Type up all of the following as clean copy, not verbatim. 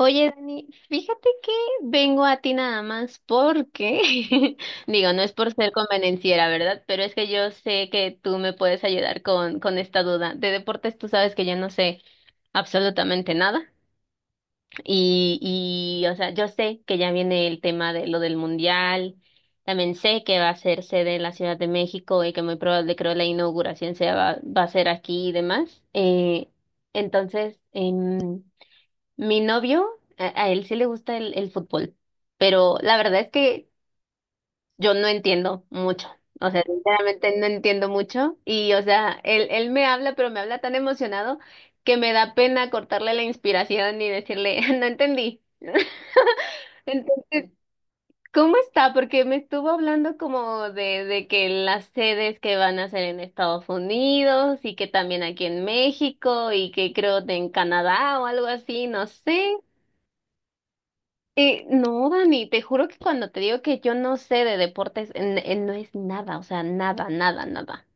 Oye, Dani, fíjate que vengo a ti nada más porque, digo, no es por ser convenenciera, ¿verdad? Pero es que yo sé que tú me puedes ayudar con esta duda. De deportes tú sabes que yo no sé absolutamente nada y, y o sea, yo sé que ya viene el tema de lo del mundial, también sé que va a ser sede en la Ciudad de México y que muy probable creo la inauguración sea, va a ser aquí y demás. Entonces, mi novio, a él sí le gusta el fútbol, pero la verdad es que yo no entiendo mucho. O sea, sinceramente no entiendo mucho. Y, o sea, él me habla, pero me habla tan emocionado que me da pena cortarle la inspiración y decirle, no entendí. Entonces, ¿cómo está? Porque me estuvo hablando como de que las sedes que van a ser en Estados Unidos y que también aquí en México y que creo de en Canadá o algo así, no sé. No, Dani, te juro que cuando te digo que yo no sé de deportes, no es nada, o sea, nada, nada, nada.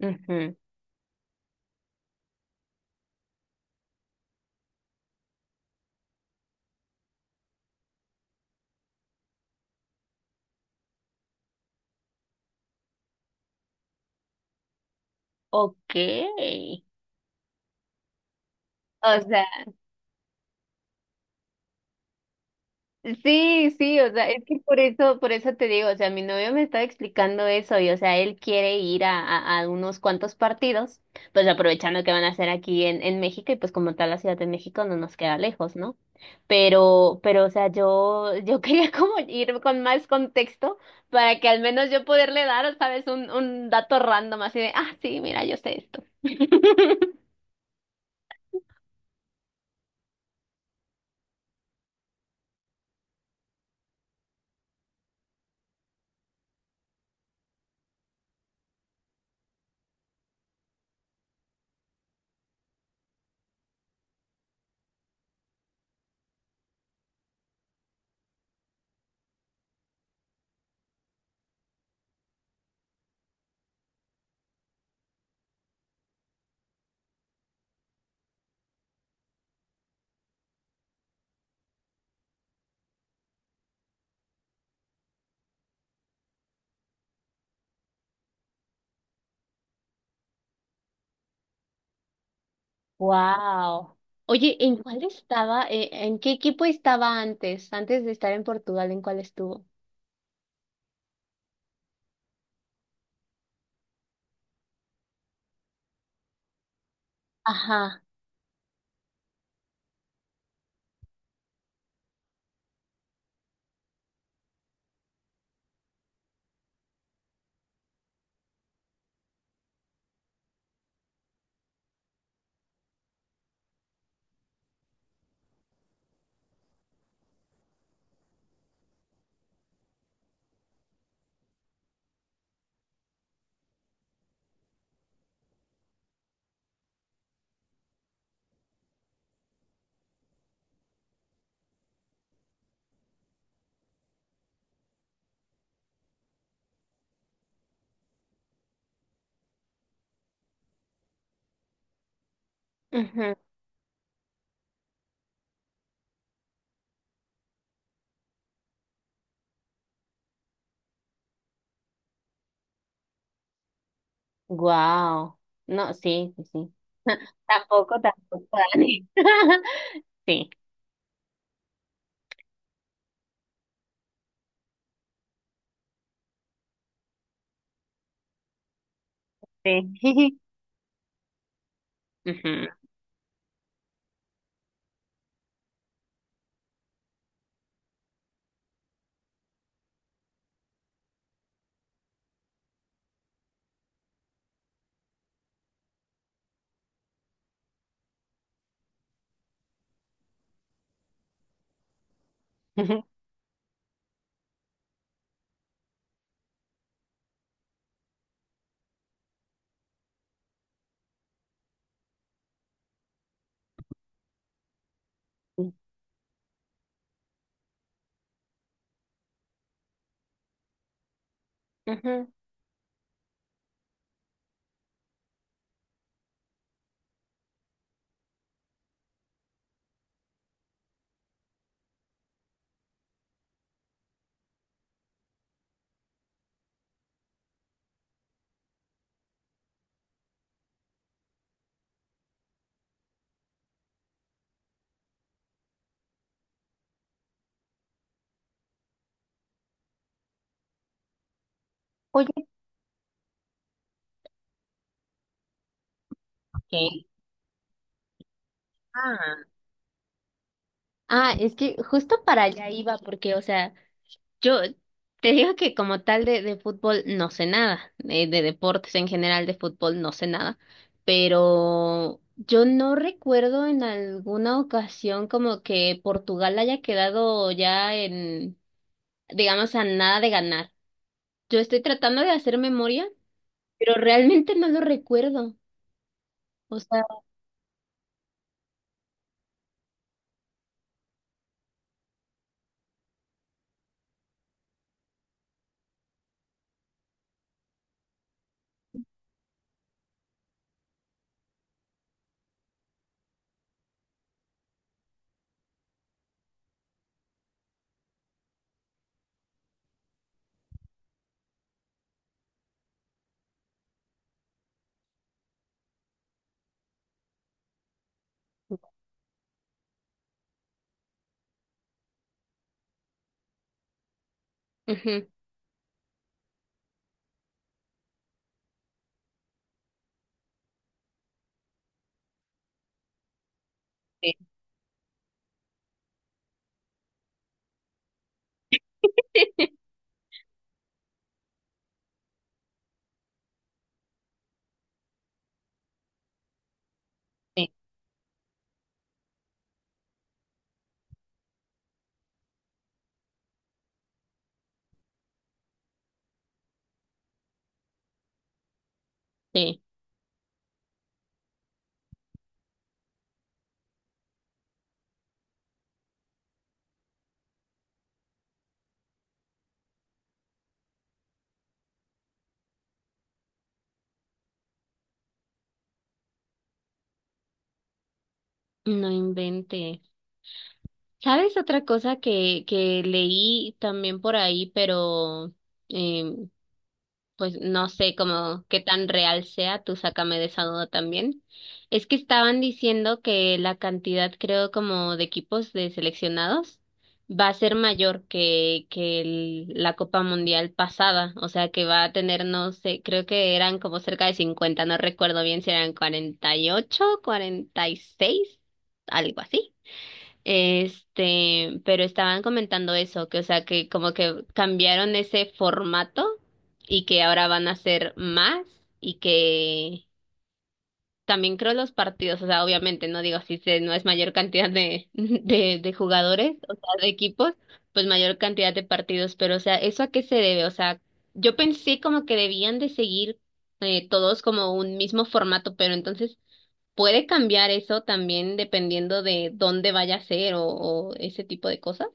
Ujú. Ok. O sea, sí, sí, o sea, es que por eso te digo, o sea, mi novio me estaba explicando eso y, o sea, él quiere ir a unos cuantos partidos, pues aprovechando que van a hacer aquí en México y pues como tal la Ciudad de México no nos queda lejos, ¿no? Pero, o sea, yo quería como ir con más contexto para que al menos yo poderle dar, ¿sabes? Un dato random así de, ah, sí, mira, yo sé esto. Wow. Oye, ¿en cuál estaba? ¿En qué equipo estaba antes? Antes de estar en Portugal, ¿en cuál estuvo? Ajá. Ujú. Wow. No, sí, sí, sí. Tampoco, tampoco, Dani. Sí, sí. Ujú. Ujú. Oye, ¿qué? Ah, ah, es que justo para allá iba, porque, o sea, yo te digo que como tal de fútbol no sé nada, de, deportes en general de fútbol no sé nada, pero yo no recuerdo en alguna ocasión como que Portugal haya quedado ya en, digamos, a nada de ganar. Yo estoy tratando de hacer memoria, pero realmente no lo recuerdo. O sea, ujú, sí, sí, sí, no inventé. ¿Sabes otra cosa que leí también por ahí, pero eh, pues no sé cómo qué tan real sea, tú sácame de esa duda también? Es que estaban diciendo que la cantidad, creo, como de equipos de seleccionados va a ser mayor que el- la Copa Mundial pasada, o sea que va a tener, no sé, creo que eran como cerca de 50, no recuerdo bien si eran 48, 46, algo así. Este, pero estaban comentando eso, que o sea, que como que cambiaron ese formato y que ahora van a hacer más y que también creo los partidos, o sea, obviamente, no digo si se, no es mayor cantidad de, de jugadores, o sea, de equipos, pues mayor cantidad de partidos, pero o sea, ¿eso a qué se debe? O sea, yo pensé como que debían de seguir todos como un mismo formato, pero entonces puede cambiar eso también dependiendo de dónde vaya a ser o ese tipo de cosas.